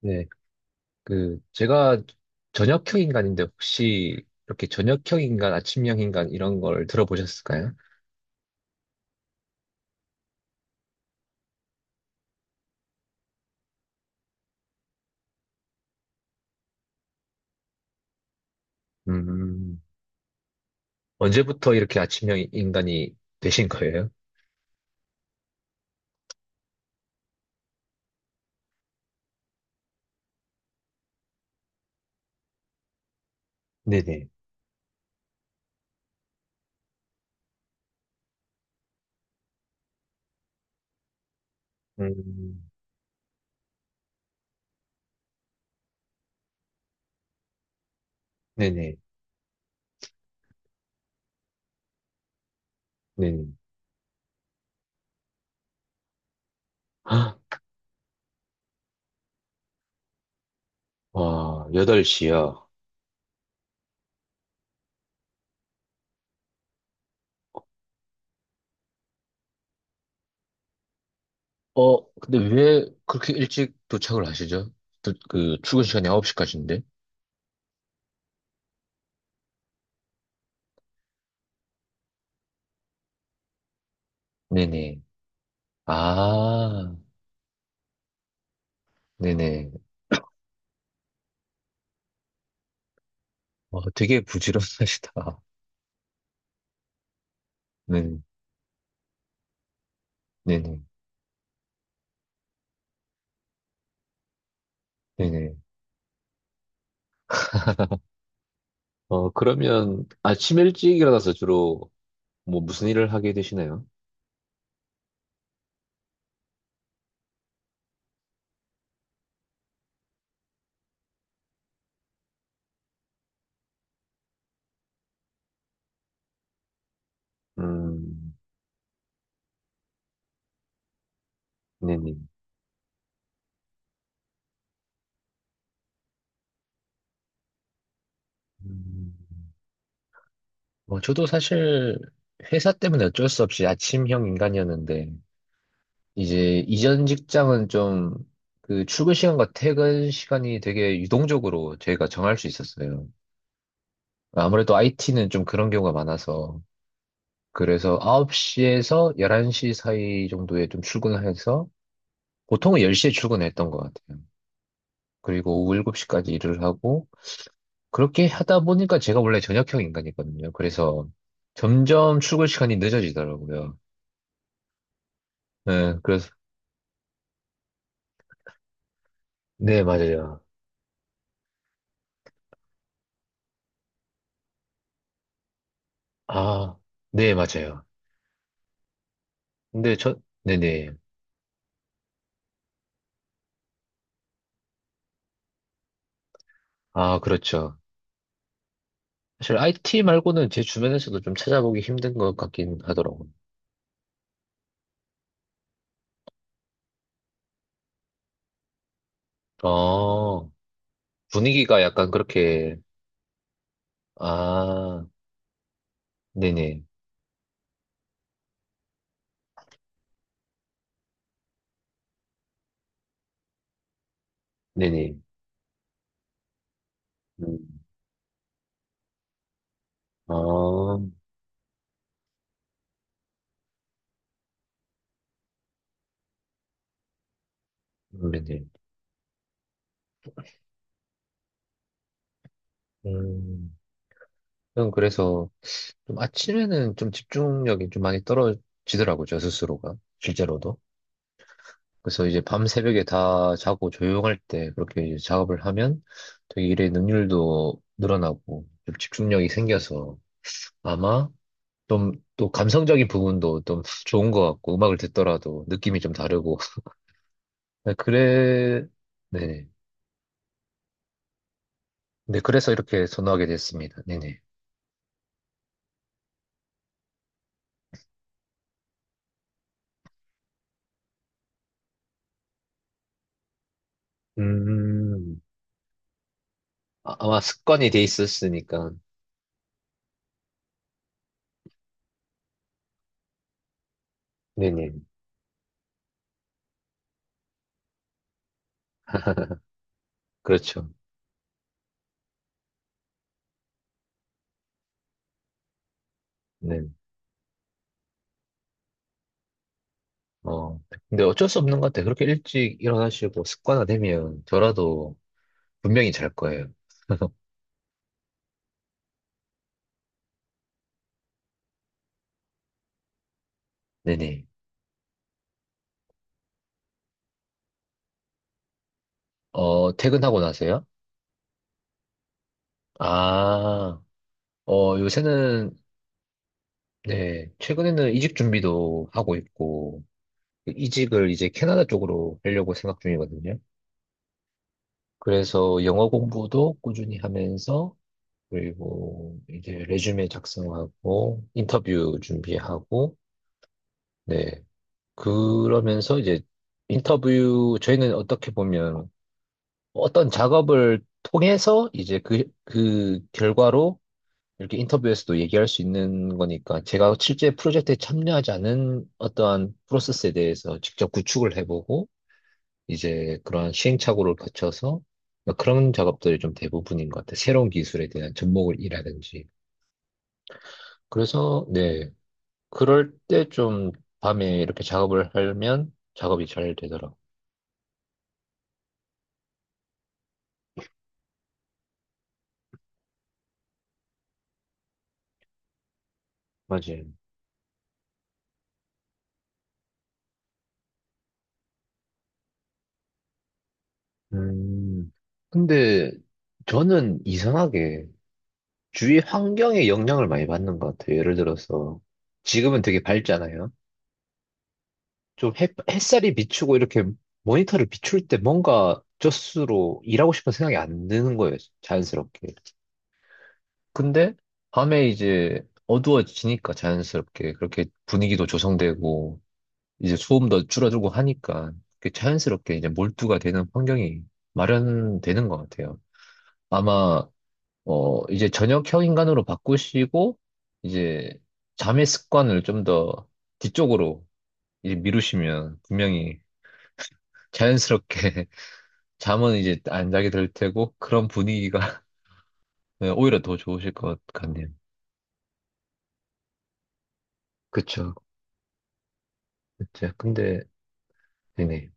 네, 그, 제가 저녁형 인간인데 혹시 이렇게 저녁형 인간, 아침형 인간 이런 걸 들어보셨을까요? 음, 언제부터 이렇게 아침형 인간이 되신 거예요? 네네. 음, 네네. 네네. 아, 와, 8시요. 어, 근데 왜 그렇게 일찍 도착을 하시죠? 또, 그, 출근 시간이 9시까지인데? 네네. 아, 네네. 어, 되게 부지런하시다. 네 네네. 네네. 어, 그러면 아침 일찍 일어나서 주로 뭐 무슨 일을 하게 되시나요? 음, 네네. 음, 뭐 저도 사실 회사 때문에 어쩔 수 없이 아침형 인간이었는데, 이제 이전 직장은 좀 그 출근 시간과 퇴근 시간이 되게 유동적으로 저희가 정할 수 있었어요. 아무래도 IT는 좀 그런 경우가 많아서, 그래서 9시에서 11시 사이 정도에 좀 출근을 해서, 보통은 10시에 출근했던 것 같아요. 그리고 오후 7시까지 일을 하고, 그렇게 하다 보니까 제가 원래 저녁형 인간이거든요. 그래서 점점 출근 시간이 늦어지더라고요. 네, 그래서, 네, 맞아요. 아, 네, 맞아요. 근데 저, 네네. 아, 그렇죠. 사실 IT 말고는 제 주변에서도 좀 찾아보기 힘든 것 같긴 하더라고요. 아, 분위기가 약간 그렇게, 아, 네네, 네네. 음, 아, 네네. 음, 그냥 그래서, 좀 아침에는 좀 집중력이 좀 많이 떨어지더라고요, 저 스스로가. 실제로도. 그래서 이제 밤 새벽에 다 자고 조용할 때 그렇게 이제 작업을 하면 되게 일의 능률도 늘어나고 좀 집중력이 생겨서 아마 좀 또 감성적인 부분도 좀 좋은 것 같고 음악을 듣더라도 느낌이 좀 다르고. 네, 그래, 네네. 네, 그래서 이렇게 선호하게 됐습니다. 네네. 음, 아마 습관이 돼 있었으니까. 네네. 그렇죠. 네. 어, 근데 어쩔 수 없는 것 같아. 그렇게 일찍 일어나시고 습관화되면 저라도 분명히 잘 거예요. 네네. 어, 퇴근하고 나서요? 아, 어, 요새는, 네, 최근에는 이직 준비도 하고 있고, 이직을 이제 캐나다 쪽으로 하려고 생각 중이거든요. 그래서 영어 공부도 꾸준히 하면서, 그리고 이제 레주메 작성하고, 인터뷰 준비하고, 네, 그러면서 이제 인터뷰, 저희는 어떻게 보면 어떤 작업을 통해서 이제 그, 그 결과로 이렇게 인터뷰에서도 얘기할 수 있는 거니까 제가 실제 프로젝트에 참여하지 않은 어떠한 프로세스에 대해서 직접 구축을 해보고 이제 그런 시행착오를 거쳐서 그런 작업들이 좀 대부분인 것 같아요. 새로운 기술에 대한 접목이라든지. 그래서, 네. 그럴 때 좀 밤에 이렇게 작업을 하면 작업이 잘 되더라고요. 맞아요. 음, 근데 저는 이상하게 주위 환경에 영향을 많이 받는 것 같아요. 예를 들어서 지금은 되게 밝잖아요. 좀 햇살이 비추고 이렇게 모니터를 비출 때 뭔가 젖수로 일하고 싶은 생각이 안 드는 거예요. 자연스럽게. 근데 밤에 이제 어두워지니까 자연스럽게 그렇게 분위기도 조성되고 이제 소음도 줄어들고 하니까 그게 자연스럽게 이제 몰두가 되는 환경이 마련되는 것 같아요. 아마 어, 이제 저녁형 인간으로 바꾸시고, 이제 잠의 습관을 좀 더 뒤쪽으로 이제 미루시면 분명히 자연스럽게 잠은 이제 안 자게 될 테고, 그런 분위기가 네, 오히려 더 좋으실 것 같네요. 그쵸. 그쵸. 근데, 네네.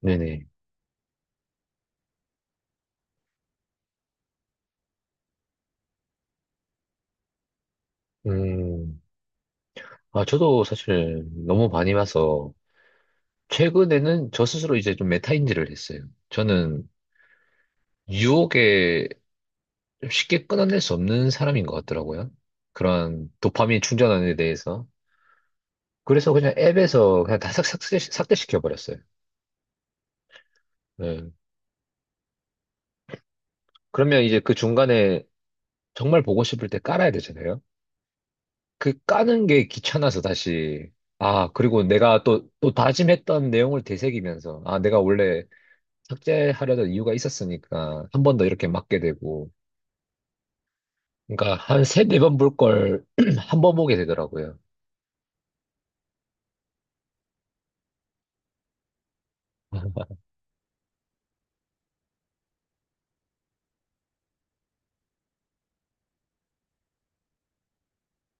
네네. 음, 아, 저도 사실 너무 많이 봐서, 최근에는 저 스스로 이제 좀 메타인지를 했어요. 저는 유혹에 좀 쉽게 끊어낼 수 없는 사람인 것 같더라고요. 그런 도파민 충전원에 대해서. 그래서 그냥 앱에서 그냥 다 삭제시켜버렸어요. 네. 그러면 이제 그 중간에 정말 보고 싶을 때 깔아야 되잖아요. 그 까는 게 귀찮아서 다시, 아, 그리고 내가 또 다짐했던 내용을 되새기면서, 아, 내가 원래 삭제하려던 이유가 있었으니까 한 번 더 이렇게 맞게 되고, 그러니까 한 세네 번 볼 걸 한 번 보게 되더라고요.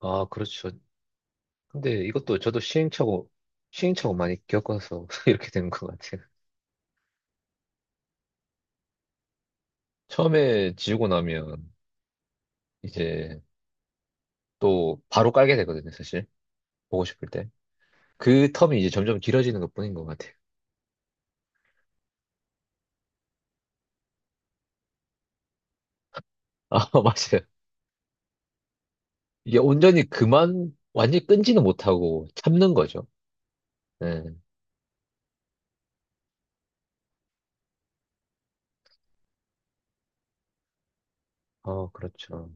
아, 그렇죠. 근데 이것도 저도 시행착오 많이 겪어서 이렇게 된 것 같아요. 처음에 지우고 나면 이제 또 바로 깔게 되거든요, 사실. 보고 싶을 때. 그 텀이 이제 점점 길어지는 것뿐인 것 같아요. 아, 맞아요. 이게 온전히 그만, 완전히 끈지는 못하고 참는 거죠. 네. 어, 그렇죠.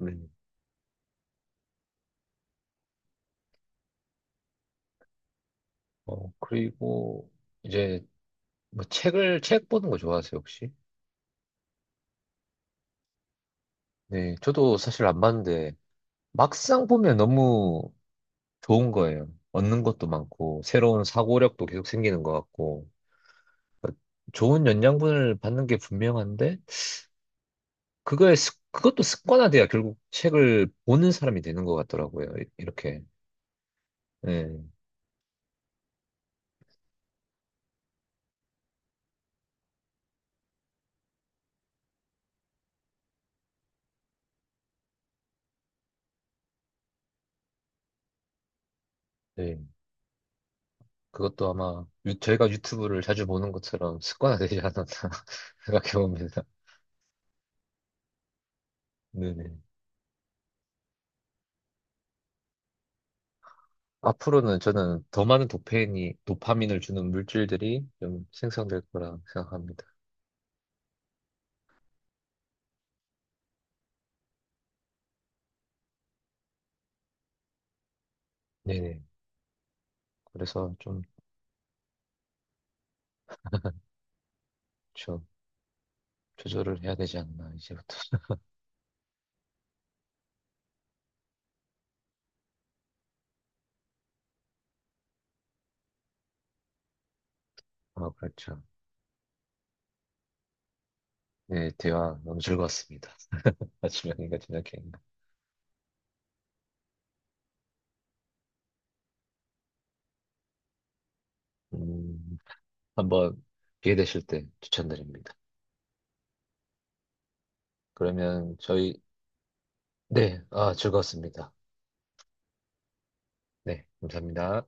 음. 어, 그리고 이제 뭐 책 보는 거 좋아하세요, 혹시? 네, 저도 사실 안 봤는데 막상 보면 너무 좋은 거예요. 얻는 것도 많고, 새로운 사고력도 계속 생기는 것 같고, 그러니까 좋은 영양분을 받는 게 분명한데, 그것도 습관화돼야 결국 책을 보는 사람이 되는 것 같더라고요. 이렇게. 네, 네. 그것도 아마 저희가 유튜브를 자주 보는 것처럼 습관화되지 않았나 생각해 봅니다. 네네. 앞으로는 저는 더 많은 도파민을 주는 물질들이 좀 생성될 거라 생각합니다. 네네. 그래서 좀, 저 조절을 해야 되지 않나 이제부터 아 그렇죠 네 대화 너무 즐거웠습니다 아침형인가 저녁형인가 음 한번 기회 되실 때 추천드립니다 그러면 저희 네 아 즐거웠습니다 네 감사합니다